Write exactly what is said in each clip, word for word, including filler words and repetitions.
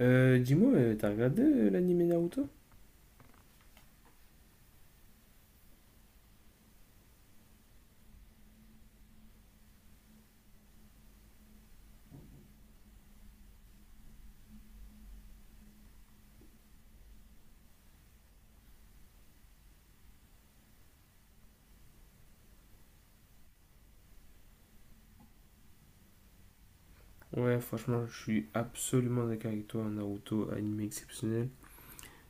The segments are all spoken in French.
Euh, dis-moi, euh, t'as regardé euh, l'anime Naruto? Ouais, franchement, je suis absolument d'accord avec toi. Naruto, anime exceptionnel.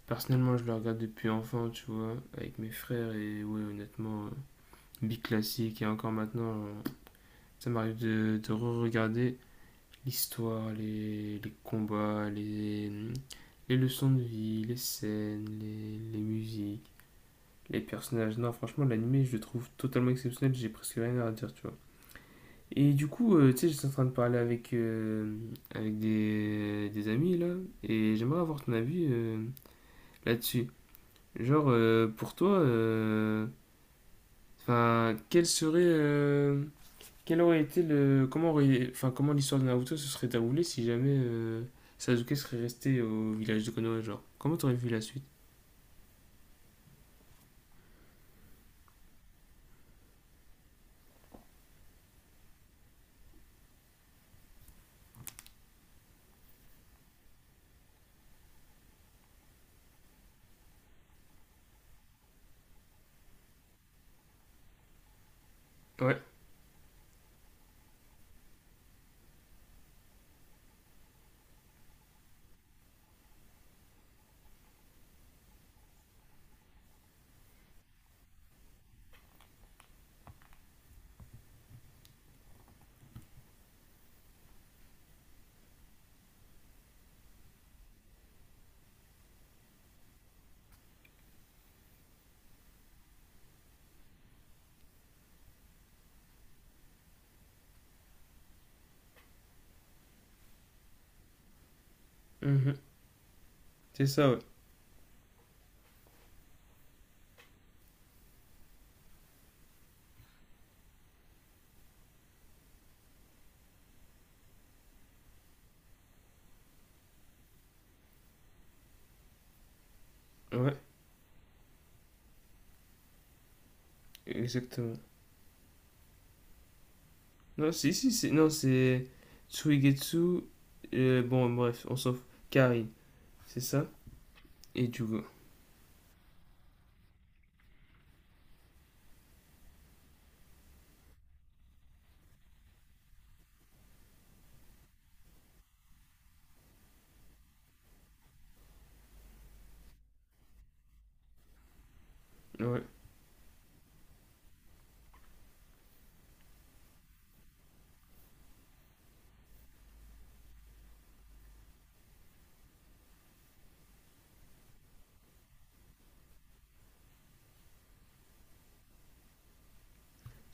Personnellement, je le regarde depuis enfant, tu vois, avec mes frères, et ouais, honnêtement, euh, big classique, et encore maintenant, euh, ça m'arrive de, de re-regarder l'histoire, les, les combats, les, les leçons de vie, les scènes, les, les musiques, les personnages. Non, franchement, l'anime, je le trouve totalement exceptionnel, j'ai presque rien à dire, tu vois. Et du coup, euh, tu sais, j'étais en train de parler avec, euh, avec des, des amis là, et j'aimerais avoir ton avis euh, là-dessus. Genre, euh, pour toi, euh, enfin, quel serait, euh, quel aurait été le, comment aurait- enfin, comment l'histoire de Naruto se serait déroulée si jamais euh, Sasuke serait resté au village de Konoha, genre, comment t'aurais vu la suite? Ouais, mhm. C'est ça, ouais, ouais, exactement. Non, si, si, c'est, non, c'est Tsuigetsu, euh, bon, bref, on s'en fout. Karin. C'est ça. Et du coup, ouais.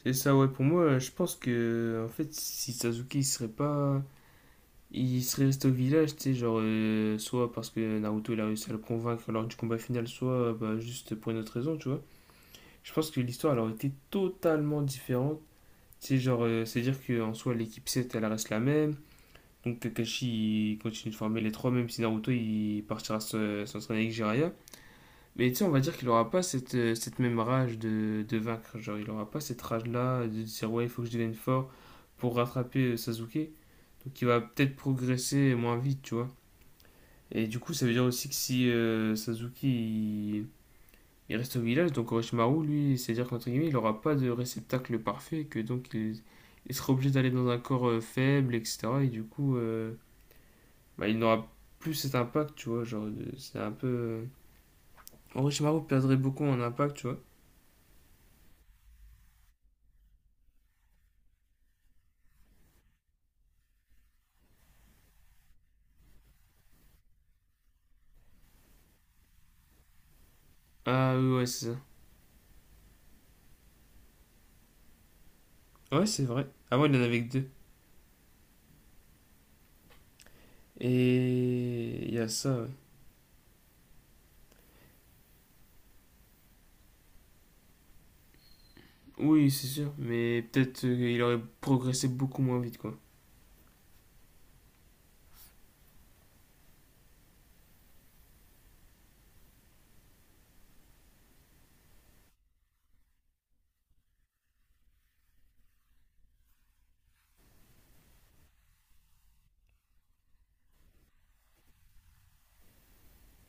C'est ça, ouais. Pour moi, je pense que, en fait, si Sasuke, il serait pas. Il serait resté au village, tu sais, genre, euh, soit parce que Naruto, il a réussi à le convaincre lors du combat final, soit euh, bah, juste pour une autre raison, tu vois. Je pense que l'histoire, elle aurait été totalement différente. Tu sais, genre, euh, c'est-à-dire qu'en soi, l'équipe sept elle reste la même. Donc Kakashi, il continue de former les trois, même si Naruto, il partira se- s'entraîner avec Jiraiya. Mais tu sais, on va dire qu'il aura pas cette, euh, cette même rage de, de vaincre. Genre, il aura pas cette rage-là de dire, ouais, il faut que je devienne fort pour rattraper euh, Sasuke. Donc, il va peut-être progresser moins vite, tu vois. Et du coup, ça veut dire aussi que si euh, Sasuke il, il reste au village, donc Orochimaru, lui, c'est-à-dire qu'entre guillemets, il aura pas de réceptacle parfait, que donc il, il sera obligé d'aller dans un corps euh, faible, et cetera. Et du coup, euh, bah, il n'aura plus cet impact, tu vois. Genre, de- c'est un peu. euh, Orochimaru perdrait beaucoup en impact, tu vois. Ah oui, ouais, c'est ça. Ouais, c'est vrai. Avant, il en avait que deux. Et il y a ça, ouais. Oui, c'est sûr, mais peut-être euh, il aurait progressé beaucoup moins vite, quoi.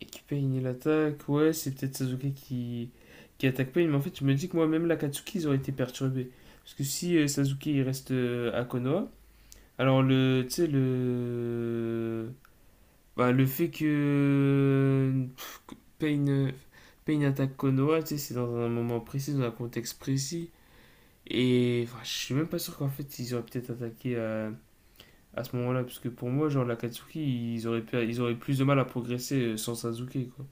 Et qui paye l'attaque, ouais, c'est peut-être Sasuke qui... qui attaque Pain, mais en fait, je me dis que moi-même, l'Akatsuki, ils auraient été perturbés. Parce que si euh, Sasuke, il reste euh, à Konoha, alors le... Tu sais, le... Bah, le fait que... Pff, que Pain... euh, Pain attaque Konoha, tu sais, c'est dans un moment précis, dans un contexte précis. Et enfin, je suis même pas sûr qu'en fait ils auraient peut-être attaqué à, à ce moment-là, parce que pour moi, genre l'Akatsuki, ils auraient, pu- ils auraient plus de mal à progresser euh, sans Sasuke, quoi.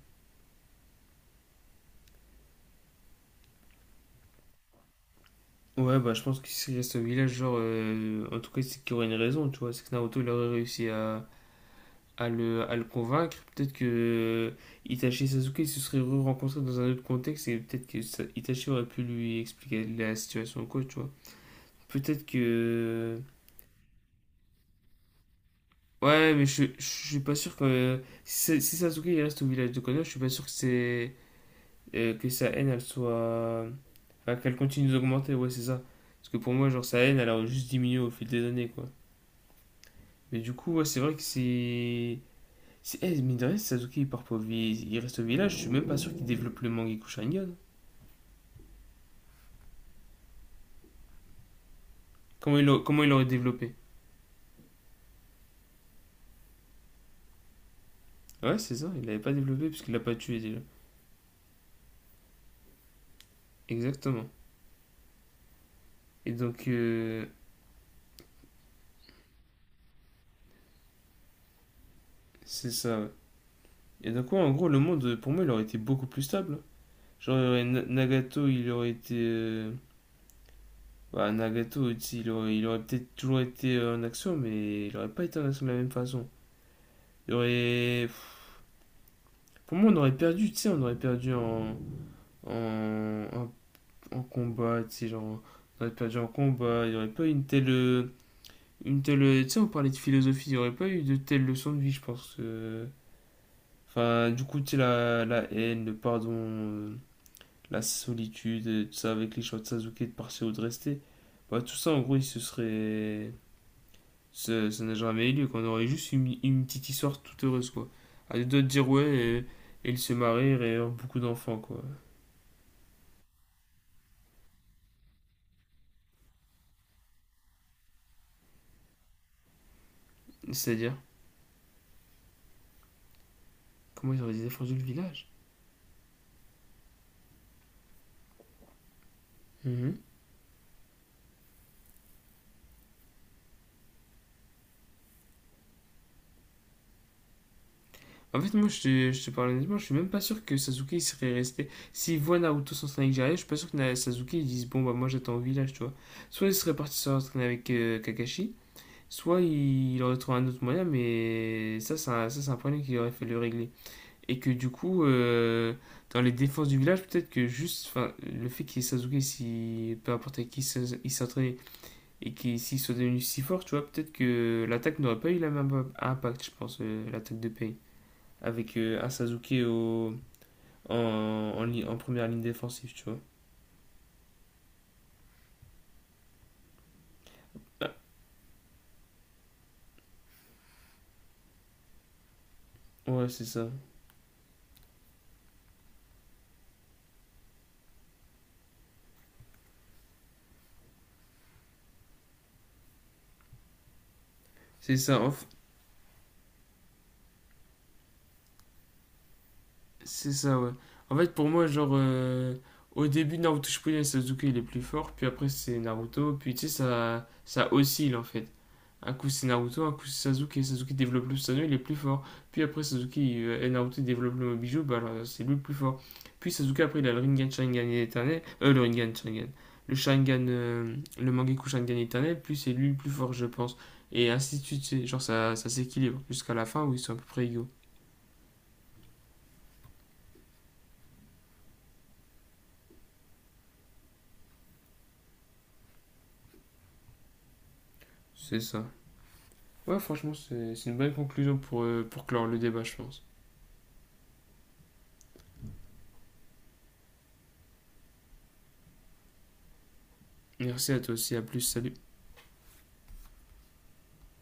Ouais, bah je pense que s'il reste au village, genre, euh, en tout cas, c'est qu'il y aurait une raison, tu vois. C'est que Naruto, il aurait réussi à, à le, à le convaincre. Peut-être que euh, Itachi et Sasuke se seraient re-rencontrés dans un autre contexte et peut-être que Sa- Itachi aurait pu lui expliquer la situation, quoi, tu vois. Peut-être que ouais, mais je, je suis pas sûr que. Si, si Sasuke il reste au village de Konoha, je suis pas sûr que c'est. euh, que sa haine, elle soit. Enfin, qu'elle continue d'augmenter, ouais, c'est ça. Parce que pour moi, genre, sa haine, elle a juste diminué au fil des années, quoi. Mais du coup, ouais, c'est vrai que c'est. C'est eh, mine de rien, si Sasuke il part pas au vi- il reste au village, je suis même pas sûr qu'il développe le Mangekyou Sharingan. Comment il, l'a- comment il l'aurait développé? Ouais, c'est ça, il l'avait pas développé puisqu'il l'a pas tué déjà. Exactement. Et donc, euh, c'est ça, ouais. Et donc, ouais, en gros, le monde, pour moi, il aurait été beaucoup plus stable, hein. Genre, il y aurait- Na- Nagato, il aurait été. euh, bah, Nagato, tu sais, il aurait, il aurait peut-être toujours été euh, en action, mais il aurait pas été en action de la même façon. Il aurait. Pour moi, on aurait perdu, tu sais, on aurait perdu en. En, en, en combat, tu sais, genre. On aurait perdu en combat, il n'y aurait pas eu une telle. euh, Une telle. euh, Tu sais, on parlait de philosophie, il n'y aurait pas eu de telle leçon de vie, je pense. Euh. Enfin, du coup, tu sais, la, la haine, le pardon. euh, la solitude, et tout ça, avec les choix de Sasuke de partir ou de rester. Bah, tout ça, en gros, il se serait. Ça ça n'a jamais eu lieu, qu'on aurait juste une, une petite histoire toute heureuse, quoi. À deux doigts de dire ouais, et, et ils se marient et ont beaucoup d'enfants, quoi. C'est-à-dire, comment ils auraient défendu le village. Mhm. En fait, moi, je te, je te parle honnêtement, je suis même pas sûr que Sasuke il serait resté. S'il voit Naruto s'entraîner avec Jiraiya, je suis pas sûr que Sasuke il dise bon, bah, moi j'attends au village, tu vois. Soit il serait parti s'entraîner avec euh, Kakashi, soit il, il aurait trouvé un autre moyen, mais ça, c'est un, ça, c'est un problème qu'il aurait fallu régler. Et que du coup, euh, dans les défenses du village, peut-être que juste enfin, le fait qu'il y ait Sasuke, si, peu importe avec qui il s'entraînait, et qu'il s'il soit devenu si fort, tu vois, peut-être que l'attaque n'aurait pas eu la même impact, je pense, euh, l'attaque de Pain. Avec euh, un Sasuke au, en, en, en première ligne défensive, tu vois. Ah, ouais, c'est ça. C'est ça. En, c'est ça, ouais. En fait, pour moi, genre, euh, au début, Naruto Shippuden, Sasuke, il est plus fort, puis après, c'est Naruto, puis tu sais, ça, ça oscille, en fait. Un coup, c'est Naruto, un coup, c'est Sasuke. Sasuke développe le Susanoo, il est plus fort. Puis après, Sasuke il- euh, et Naruto développent le Mobiju, bah alors, c'est lui le plus fort. Puis Sasuke, après, il a le Rinnegan Sharingan éternel. Euh, le Rinnegan Sharingan. Le Sharingan, euh, le Mangekyou Sharingan éternel, puis c'est lui le plus fort, je pense. Et ainsi de suite, tu sais, genre, ça, ça s'équilibre jusqu'à la fin où ils sont à peu près égaux. C'est ça. Ouais, franchement, c'est c'est une bonne conclusion pour, euh, pour clore le débat, je pense. Merci à toi aussi, à plus, salut.